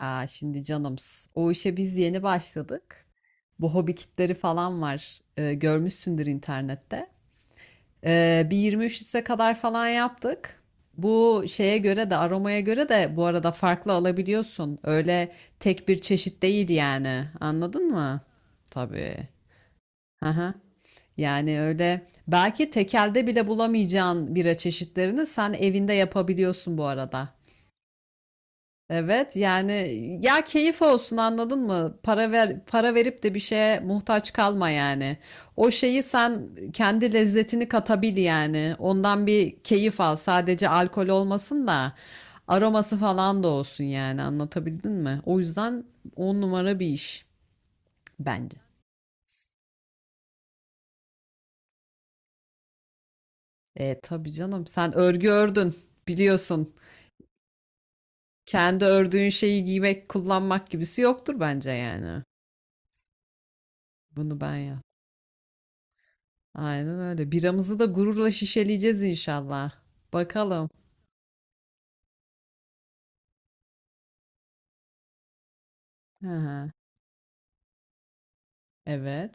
Aa, şimdi canımız. O işe biz yeni başladık. Bu hobi kitleri falan var. Görmüşsündür internette. Bir 23 litre kadar falan yaptık. Bu şeye göre de aromaya göre de bu arada farklı alabiliyorsun. Öyle tek bir çeşit değil yani. Anladın mı? Tabii. Aha. Yani öyle belki tekelde bile bulamayacağın bira çeşitlerini sen evinde yapabiliyorsun bu arada. Evet yani ya keyif olsun anladın mı? Para verip de bir şeye muhtaç kalma yani. O şeyi sen kendi lezzetini katabil yani. Ondan bir keyif al. Sadece alkol olmasın da aroması falan da olsun yani. Anlatabildim mi? O yüzden on numara bir iş bence. E tabii canım sen örgü ördün biliyorsun. Kendi ördüğün şeyi giymek, kullanmak gibisi yoktur bence yani. Bunu ben ya. Aynen öyle. Biramızı da gururla şişeleyeceğiz inşallah. Bakalım. Hı hı. Evet.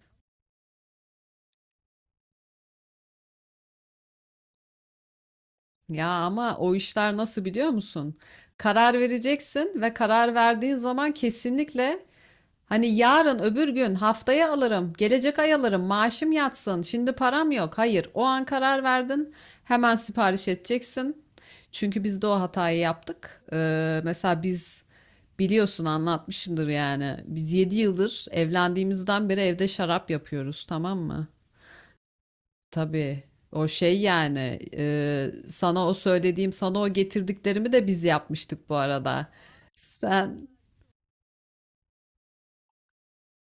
Ya ama o işler nasıl biliyor musun? Karar vereceksin ve karar verdiğin zaman kesinlikle. Hani yarın öbür gün haftaya alırım, gelecek ay alırım, maaşım yatsın, şimdi param yok. Hayır, o an karar verdin, hemen sipariş edeceksin. Çünkü biz de o hatayı yaptık. Mesela biz biliyorsun anlatmışımdır yani. Biz 7 yıldır evlendiğimizden beri evde şarap yapıyoruz, tamam mı? Tabii. O şey yani sana o söylediğim, sana o getirdiklerimi de biz yapmıştık bu arada. Sen.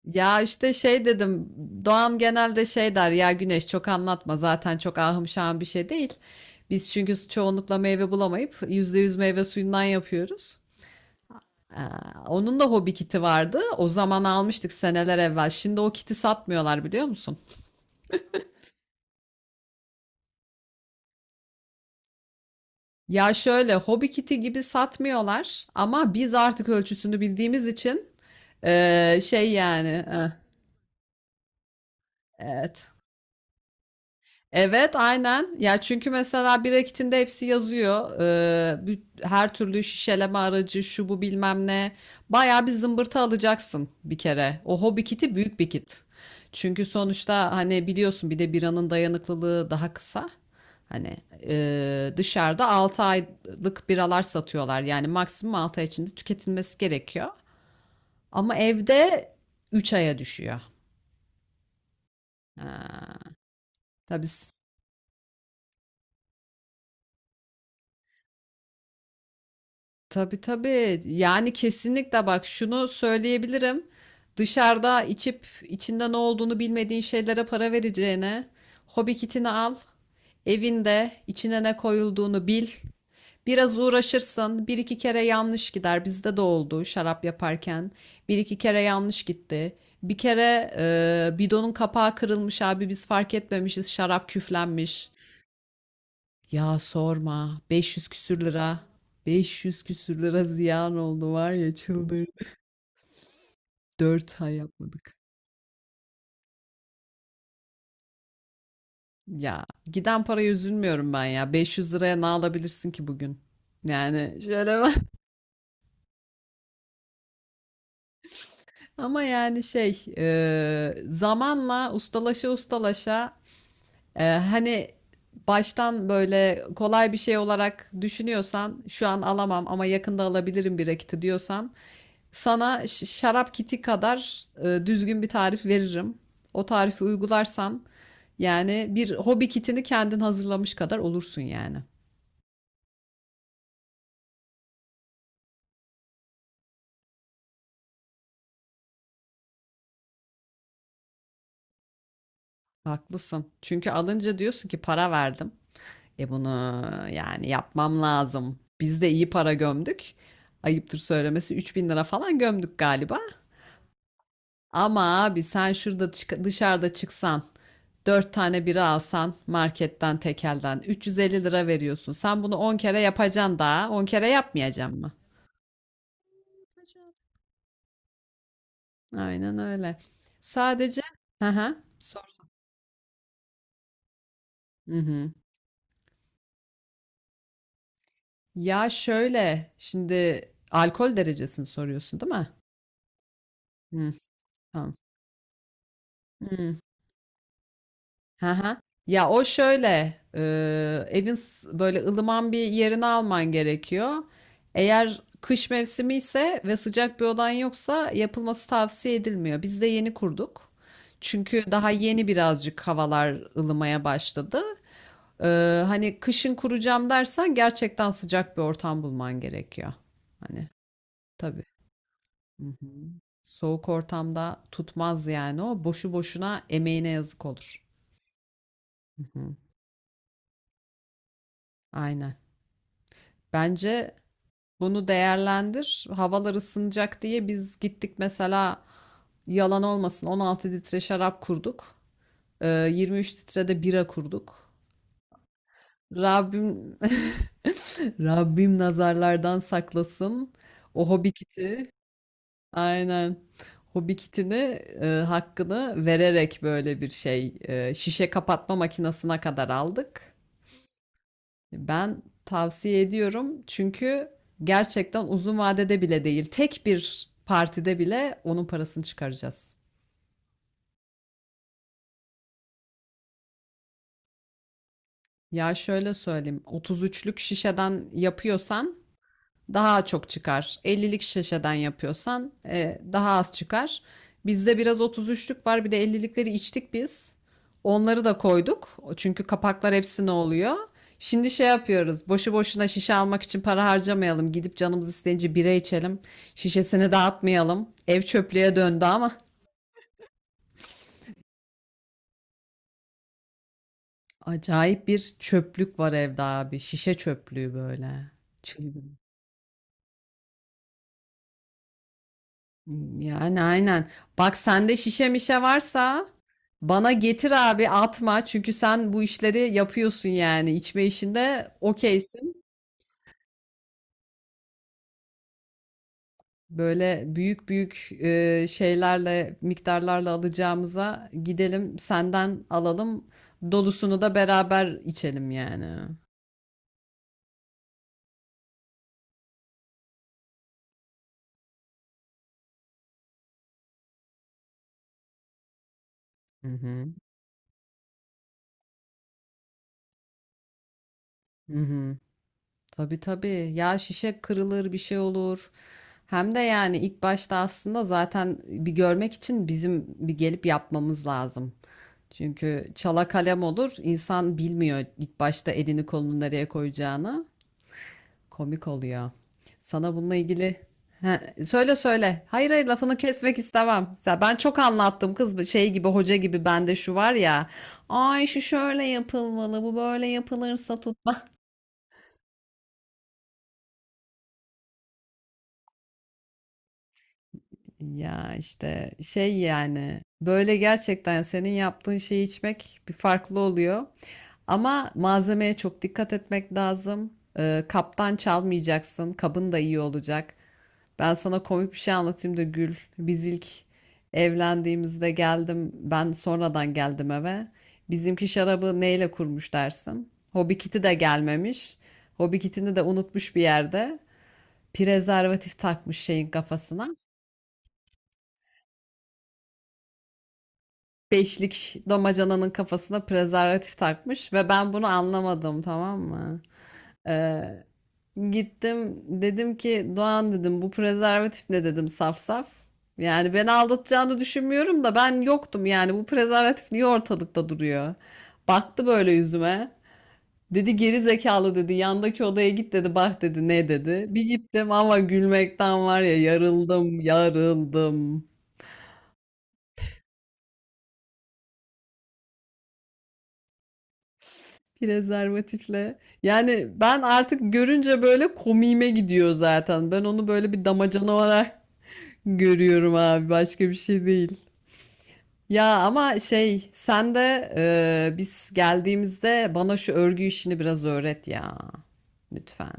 Ya işte şey dedim. Doğan genelde şey der ya, Güneş çok anlatma zaten çok ahım şahım bir şey değil. Biz çünkü çoğunlukla meyve bulamayıp %100 meyve suyundan yapıyoruz. Aa, onun da hobi kiti vardı. O zaman almıştık seneler evvel. Şimdi o kiti satmıyorlar biliyor musun? Ya şöyle hobi kiti gibi satmıyorlar ama biz artık ölçüsünü bildiğimiz için şey yani, evet. Evet, aynen. Ya çünkü mesela bir rakitinde hepsi yazıyor. Her türlü şişeleme aracı, şu bu bilmem ne. Bayağı bir zımbırtı alacaksın bir kere. O hobi kiti büyük bir kit. Çünkü sonuçta hani biliyorsun bir de biranın dayanıklılığı daha kısa. Hani dışarıda 6 aylık biralar satıyorlar. Yani maksimum 6 ay içinde tüketilmesi gerekiyor. Ama evde 3 aya düşüyor. Ha, tabii. Tabii tabii. Yani kesinlikle bak şunu söyleyebilirim. Dışarıda içip içinde ne olduğunu bilmediğin şeylere para vereceğine hobi kitini al. Evinde içine ne koyulduğunu bil. Biraz uğraşırsın. Bir iki kere yanlış gider. Bizde de oldu şarap yaparken. Bir iki kere yanlış gitti. Bir kere bidonun kapağı kırılmış abi biz fark etmemişiz şarap küflenmiş. Ya sorma. 500 küsür lira. 500 küsür lira ziyan oldu var ya çıldırdı. 4 ay yapmadık. Ya giden paraya üzülmüyorum ben ya. 500 liraya ne alabilirsin ki bugün? Yani şöyle bak. Ama yani şey zamanla ustalaşa ustalaşa, hani baştan böyle kolay bir şey olarak düşünüyorsan şu an alamam ama yakında alabilirim bir rakiti diyorsan. Sana şarap kiti kadar düzgün bir tarif veririm. O tarifi uygularsan yani bir hobi kitini kendin hazırlamış kadar olursun yani. Haklısın. Çünkü alınca diyorsun ki para verdim. E bunu yani yapmam lazım. Biz de iyi para gömdük. Ayıptır söylemesi 3.000 lira falan gömdük galiba. Ama abi sen şurada dışarıda çıksan. 4 tane bira alsan marketten tekelden 350 lira veriyorsun. Sen bunu 10 kere yapacaksın daha. 10 kere yapmayacaksın mı? Yapacağım. Aynen öyle. Sadece hı hı. Sor. Hı hı. Ya şöyle şimdi alkol derecesini soruyorsun değil mi? Hı, tamam. Hı. Hı hı. Ya o şöyle, evin böyle ılıman bir yerini alman gerekiyor. Eğer kış mevsimi ise ve sıcak bir odan yoksa yapılması tavsiye edilmiyor. Biz de yeni kurduk. Çünkü daha yeni birazcık havalar ılımaya başladı. E, hani kışın kuracağım dersen gerçekten sıcak bir ortam bulman gerekiyor. Hani tabii. Hı hı. Soğuk ortamda tutmaz yani o. Boşu boşuna emeğine yazık olur. Hı hı. Aynen. Bence bunu değerlendir. Havalar ısınacak diye biz gittik mesela yalan olmasın 16 litre şarap kurduk. 23 litre de bira kurduk. Rabbim Rabbim nazarlardan saklasın. O hobi kiti aynen hobi kitini hakkını vererek böyle bir şey, şişe kapatma makinesine kadar aldık. Ben tavsiye ediyorum çünkü gerçekten uzun vadede bile değil, tek bir partide bile onun parasını çıkaracağız. Ya şöyle söyleyeyim, 33'lük şişeden yapıyorsan daha çok çıkar. 50'lik şişeden yapıyorsan daha az çıkar. Bizde biraz 33'lük var. Bir de 50'likleri içtik biz. Onları da koyduk. Çünkü kapaklar hepsine oluyor. Şimdi şey yapıyoruz. Boşu boşuna şişe almak için para harcamayalım. Gidip canımız isteyince bira içelim. Şişesini dağıtmayalım. Ev çöplüğe döndü ama acayip bir çöplük var evde abi. Şişe çöplüğü böyle. Çılgın. Yani aynen. Bak sende şişe mişe varsa bana getir abi atma. Çünkü sen bu işleri yapıyorsun yani. İçme işinde okeysin. Böyle büyük büyük şeylerle, miktarlarla alacağımıza gidelim senden alalım. Dolusunu da beraber içelim yani. Hı hı. Hı hı. Tabii tabii. Ya şişe kırılır bir şey olur. Hem de yani ilk başta aslında zaten bir görmek için bizim bir gelip yapmamız lazım. Çünkü çala kalem olur. İnsan bilmiyor ilk başta elini kolunu nereye koyacağını. Komik oluyor. Sana bununla ilgili. He, söyle söyle. Hayır hayır lafını kesmek istemem. Ya ben çok anlattım kız, şey gibi, hoca gibi bende şu var ya. Ay şu şöyle yapılmalı, bu böyle yapılırsa tut. Ya işte şey yani böyle gerçekten senin yaptığın şeyi içmek bir farklı oluyor. Ama malzemeye çok dikkat etmek lazım. Kaptan çalmayacaksın. Kabın da iyi olacak. Ben sana komik bir şey anlatayım da gül. Biz ilk evlendiğimizde geldim. Ben sonradan geldim eve. Bizimki şarabı neyle kurmuş dersin? Hobi kiti de gelmemiş. Hobi kitini de unutmuş bir yerde. Prezervatif takmış şeyin kafasına. Beşlik damacananın kafasına prezervatif takmış ve ben bunu anlamadım tamam mı? Ee, gittim dedim ki Doğan, dedim bu prezervatif ne dedim, saf saf. Yani beni aldatacağını düşünmüyorum da ben yoktum yani bu prezervatif niye ortalıkta duruyor? Baktı böyle yüzüme. Dedi geri zekalı, dedi yandaki odaya git, dedi bak, dedi ne dedi. Bir gittim ama gülmekten var ya yarıldım yarıldım. Prezervatifle. Yani ben artık görünce böyle komiğime gidiyor zaten. Ben onu böyle bir damacana olarak görüyorum abi. Başka bir şey değil. Ya ama şey sen de biz geldiğimizde bana şu örgü işini biraz öğret ya. Lütfen.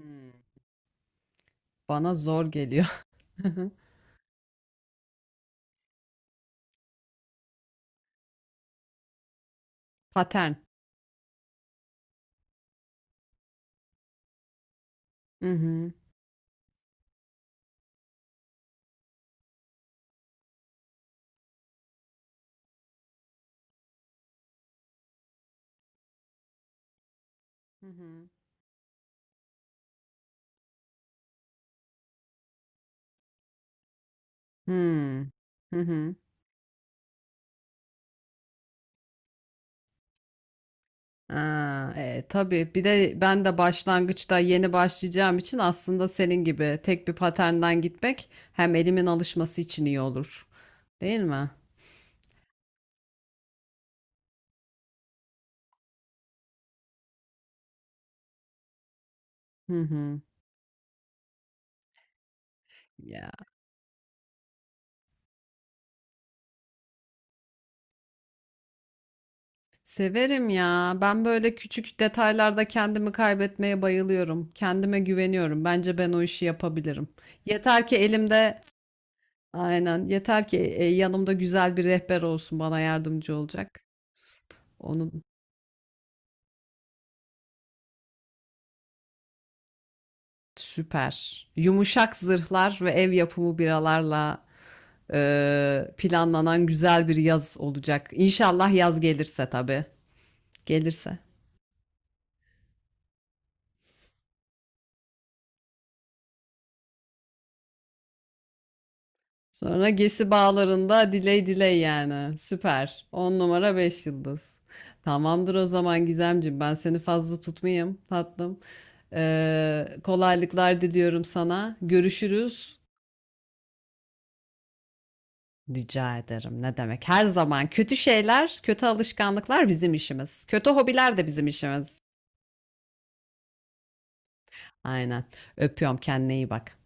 Hmm. Bana zor geliyor. Patern. Hı hı. Hı hı. Hmm. Hı hı. Ha, tabii bir de ben de başlangıçta yeni başlayacağım için aslında senin gibi tek bir paternden gitmek hem elimin alışması için iyi olur. Değil mi? Hı hı. Ya severim ya. Ben böyle küçük detaylarda kendimi kaybetmeye bayılıyorum. Kendime güveniyorum. Bence ben o işi yapabilirim. Yeter ki elimde, aynen, yeter ki yanımda güzel bir rehber olsun bana yardımcı olacak. Onu. Süper. Yumuşak zırhlar ve ev yapımı biralarla planlanan güzel bir yaz olacak. İnşallah yaz gelirse tabii. Gelirse. Sonra Gesi Bağları'nda diley diley yani. Süper. 10 numara 5 yıldız. Tamamdır o zaman Gizemciğim. Ben seni fazla tutmayayım tatlım. Kolaylıklar diliyorum sana. Görüşürüz. Rica ederim. Ne demek? Her zaman kötü şeyler, kötü alışkanlıklar bizim işimiz. Kötü hobiler de bizim işimiz. Aynen. Öpüyorum. Kendine iyi bak.